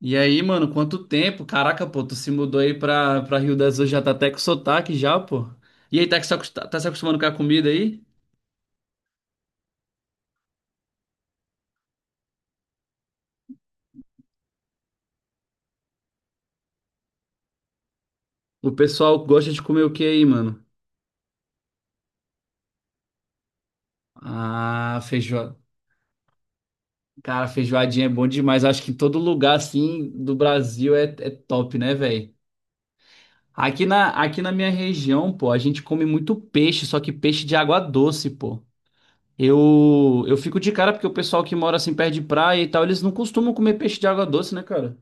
E aí, mano, quanto tempo? Caraca, pô, tu se mudou aí pra Rio das Ostras, já tá até com sotaque já, pô. E aí, tá, se acost- tá se acostumando com a comida aí? O pessoal gosta de comer o que aí, mano? Ah, feijoada. Cara, feijoadinha é bom demais. Acho que em todo lugar, assim, do Brasil é top, né, velho? Aqui na minha região, pô, a gente come muito peixe, só que peixe de água doce, pô. Eu fico de cara porque o pessoal que mora assim perto de praia e tal, eles não costumam comer peixe de água doce, né, cara?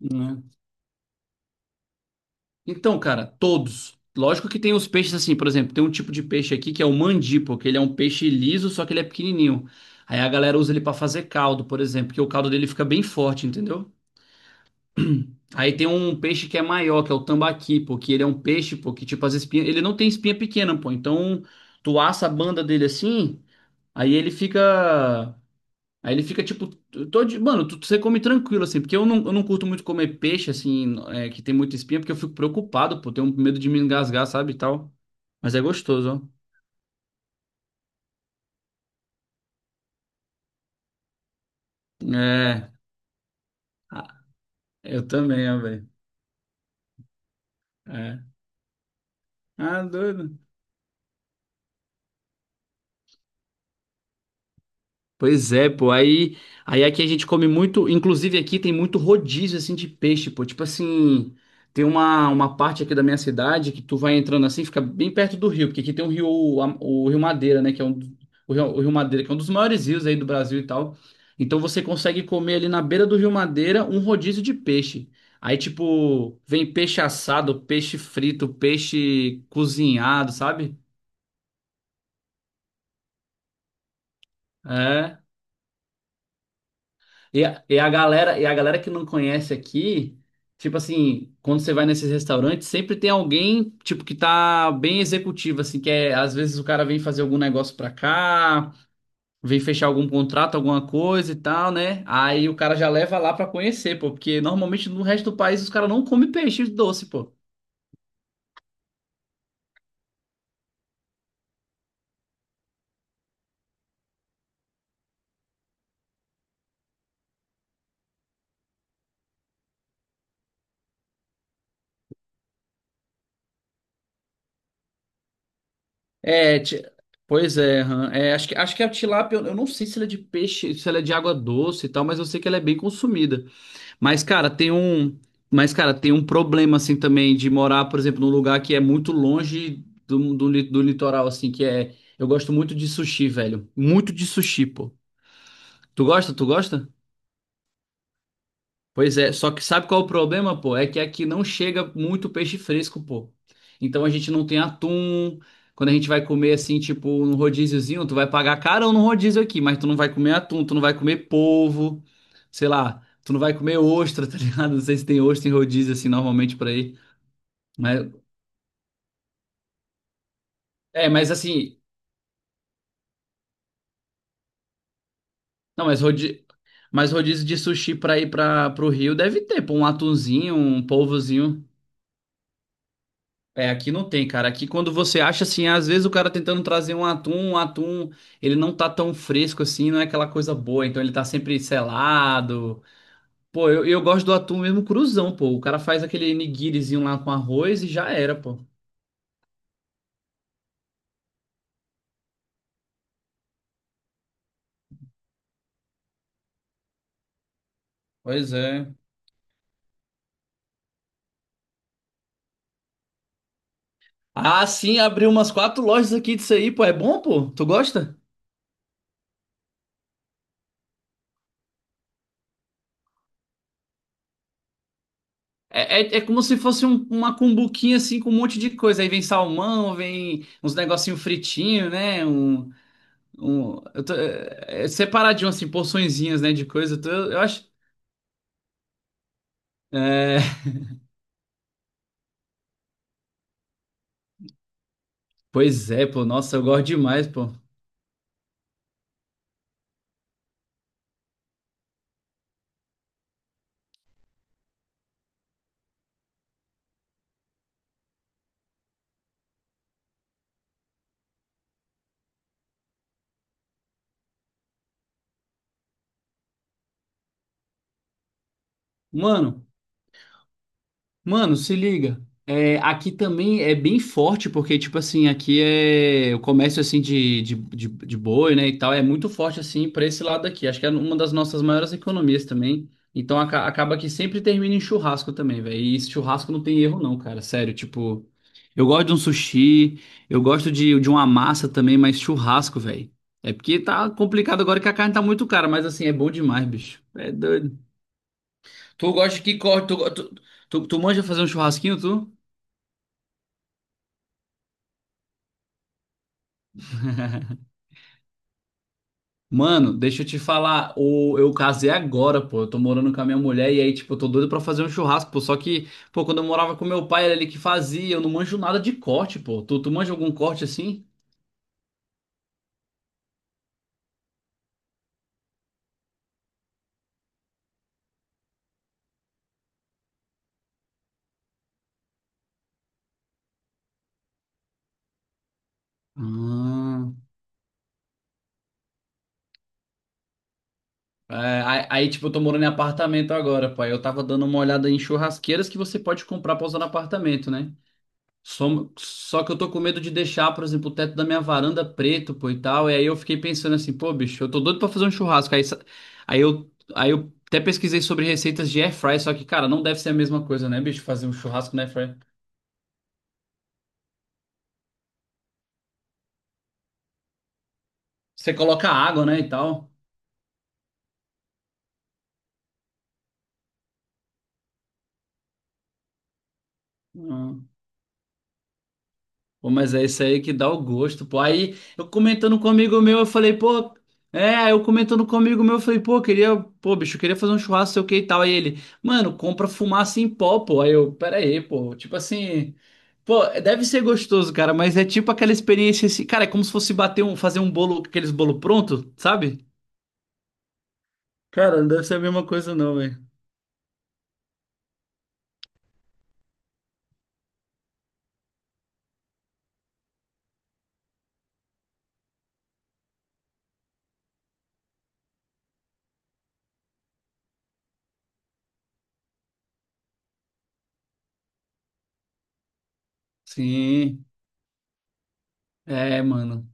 Né? Então, cara, todos. Lógico que tem os peixes assim, por exemplo, tem um tipo de peixe aqui que é o mandipo, que ele é um peixe liso, só que ele é pequenininho. Aí a galera usa ele pra fazer caldo, por exemplo, porque o caldo dele fica bem forte, entendeu? Aí tem um peixe que é maior, que é o tambaqui, pô, que ele é um peixe, pô, que tipo as espinhas, ele não tem espinha pequena, pô. Então, tu assa a banda dele assim, aí ele fica Aí ele fica tipo, todo, mano, tu, você come tranquilo, assim, porque eu não curto muito comer peixe, assim, é, que tem muita espinha, porque eu fico preocupado, pô, tenho medo de me engasgar, sabe, e tal. Mas é gostoso, ó. É, ah, eu também, ó, velho. É. Ah, doido. Pois é, pô. Aí, aqui a gente come muito. Inclusive aqui tem muito rodízio assim de peixe, pô. Tipo assim, tem uma parte aqui da minha cidade que tu vai entrando assim, fica bem perto do rio, porque aqui tem o Rio Madeira, né? Que é um, o Rio Madeira, que é um dos maiores rios aí do Brasil e tal. Então você consegue comer ali na beira do Rio Madeira um rodízio de peixe. Aí, tipo, vem peixe assado, peixe frito, peixe cozinhado, sabe? É. E a galera que não conhece aqui, tipo assim, quando você vai nesses restaurantes, sempre tem alguém, tipo, que tá bem executivo, assim, que é, às vezes o cara vem fazer algum negócio pra cá, vem fechar algum contrato, alguma coisa e tal, né? Aí o cara já leva lá pra conhecer, pô, porque normalmente no resto do país os caras não comem peixe doce, pô. É, pois é, aham. Acho que a tilápia, eu não sei se ela é de peixe, se ela é de água doce e tal, mas eu sei que ela é bem consumida. Mas, cara, tem um, mas, cara, tem um problema assim também de morar, por exemplo, num lugar que é muito longe do litoral, assim, que é. Eu gosto muito de sushi, velho. Muito de sushi, pô. Tu gosta? Tu gosta? Pois é, só que sabe qual é o problema, pô? É que aqui não chega muito peixe fresco, pô. Então a gente não tem atum. Quando a gente vai comer assim, tipo, num rodíziozinho, tu vai pagar carão no rodízio aqui, mas tu não vai comer atum, tu não vai comer polvo, sei lá, tu não vai comer ostra, tá ligado? Não sei se tem ostra em rodízio assim normalmente pra ir. Mas é, mas assim, não, mas rodízio de sushi pra ir para pro Rio deve ter, pô, um atunzinho, um polvozinho. É, aqui não tem, cara. Aqui quando você acha assim, às vezes o cara tentando trazer um atum, ele não tá tão fresco assim, não é aquela coisa boa, então ele tá sempre selado. Pô, eu gosto do atum mesmo cruzão, pô. O cara faz aquele nigirizinho lá com arroz e já era, pô. Pois é. Ah, sim, abriu umas quatro lojas aqui disso aí, pô. É bom, pô? Tu gosta? É, como se fosse uma cumbuquinha assim com um monte de coisa. Aí vem salmão, vem uns negocinho fritinho, né? Um, eu tô, separadinho, assim, porçõezinhas, né, de coisa. Eu acho. É, pois é, pô. Nossa, eu gosto demais, pô. Mano. Mano, se liga. É, aqui também é bem forte, porque, tipo assim, aqui é o comércio, assim, de boi, né, e tal, é muito forte, assim, pra esse lado aqui. Acho que é uma das nossas maiores economias também. Então, acaba que sempre termina em churrasco também, velho. E esse churrasco não tem erro, não, cara. Sério, tipo, eu gosto de um sushi, eu gosto de uma massa também, mas churrasco, velho. É porque tá complicado agora que a carne tá muito cara, mas, assim, é bom demais, bicho. É doido. Tu gosta de que corte, tu manja fazer um churrasquinho, tu? Mano, deixa eu te falar, eu casei agora, pô, eu tô morando com a minha mulher e aí, tipo, eu tô doido pra fazer um churrasco, pô, só que, pô, quando eu morava com meu pai, era ele que fazia, eu não manjo nada de corte, pô, tu, tu manja algum corte assim? Ah, é, aí, tipo, eu tô morando em apartamento agora, pai, eu tava dando uma olhada em churrasqueiras que você pode comprar pra usar no apartamento, né? Só que eu tô com medo de deixar, por exemplo, o teto da minha varanda preto, pô, e tal. E aí eu fiquei pensando assim, pô, bicho, eu tô doido pra fazer um churrasco. Aí eu até pesquisei sobre receitas de air fry, só que, cara, não deve ser a mesma coisa, né, bicho, fazer um churrasco na air fry. Você coloca água, né, e tal. Pô, mas é isso aí que dá o gosto, pô. Aí eu comentando com um amigo meu, eu falei, pô, aí eu comentando com um amigo meu, eu falei, pô, queria, pô, bicho, eu queria fazer um churrasco, sei o que e tal. Aí ele, mano, compra fumaça em pó, pô. Aí eu, pera aí, pô, tipo assim, pô, deve ser gostoso, cara, mas é tipo aquela experiência assim, cara, é como se fosse fazer um bolo, aqueles bolo pronto, sabe? Cara, não deve ser a mesma coisa não, velho. Sim, é, mano.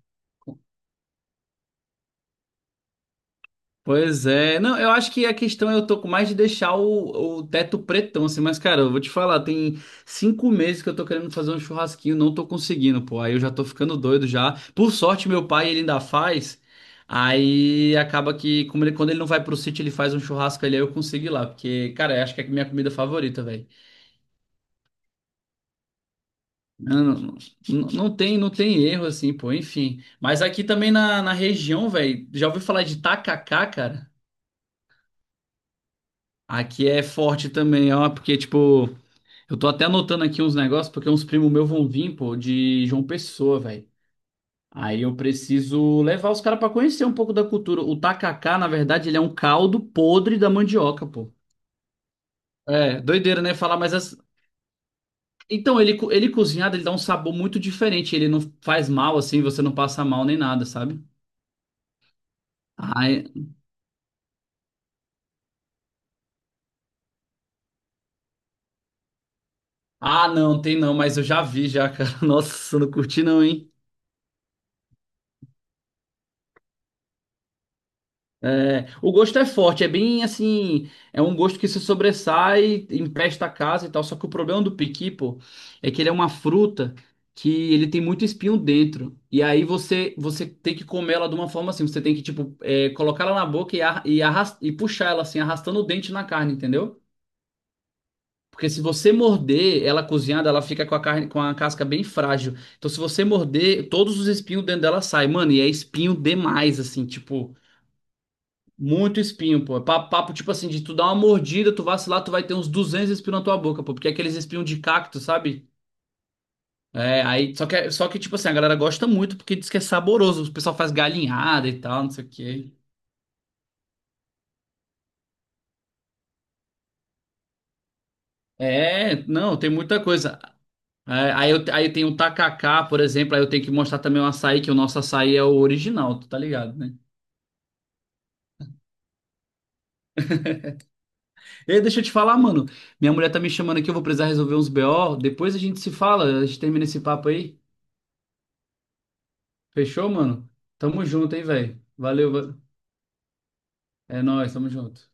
Pois é. Não, eu acho que a questão é eu tô com mais de deixar o teto pretão, assim, mas, cara, eu vou te falar, tem 5 meses que eu tô querendo fazer um churrasquinho, não tô conseguindo, pô. Aí eu já tô ficando doido já. Por sorte, meu pai, ele ainda faz. Aí acaba que, como ele, quando ele não vai pro sítio, ele faz um churrasco ali, aí eu consigo ir lá. Porque, cara, eu acho que é a minha comida favorita, velho. Não, não, não tem erro, assim, pô, enfim. Mas aqui também na região, velho, já ouviu falar de tacacá, cara? Aqui é forte também, ó, porque, tipo, eu tô até anotando aqui uns negócios, porque uns primos meus vão vir, pô, de João Pessoa, velho. Aí eu preciso levar os caras pra conhecer um pouco da cultura. O tacacá, na verdade, ele é um caldo podre da mandioca, pô. É, doideira, né? Falar, mas as... Então, ele cozinhado, ele dá um sabor muito diferente. Ele não faz mal, assim, você não passa mal nem nada, sabe? Ai... Ah, não, tem não, mas eu já vi já, cara. Nossa, eu não curti não, hein? É, o gosto é forte, é bem assim, é um gosto que se sobressai, empesta a casa e tal. Só que o problema do piqui, pô, é que ele é uma fruta que ele tem muito espinho dentro. E aí você tem que comer ela de uma forma assim, você tem que tipo colocar ela na boca e puxar ela assim, arrastando o dente na carne, entendeu? Porque se você morder ela cozinhada, ela fica com a carne com a casca bem frágil. Então se você morder, todos os espinhos dentro dela saem, mano, e é espinho demais assim, tipo muito espinho, pô. É Papo, tipo assim, de tu dar uma mordida, tu vacilar, tu vai ter uns 200 espinhos na tua boca, pô. Porque é aqueles espinhos de cacto, sabe? É, aí, só que, tipo assim, a galera gosta muito porque diz que é saboroso. O pessoal faz galinhada e tal, não sei o quê. É, não, tem muita coisa. É, aí tem o tacacá, por exemplo, aí eu tenho que mostrar também o açaí, que o nosso açaí é o original, tu tá ligado, né? Ei, deixa eu te falar, mano. Minha mulher tá me chamando aqui, eu vou precisar resolver uns BO. Depois a gente se fala, a gente termina esse papo aí. Fechou, mano? Tamo junto, hein, velho? Valeu, é nóis, tamo junto.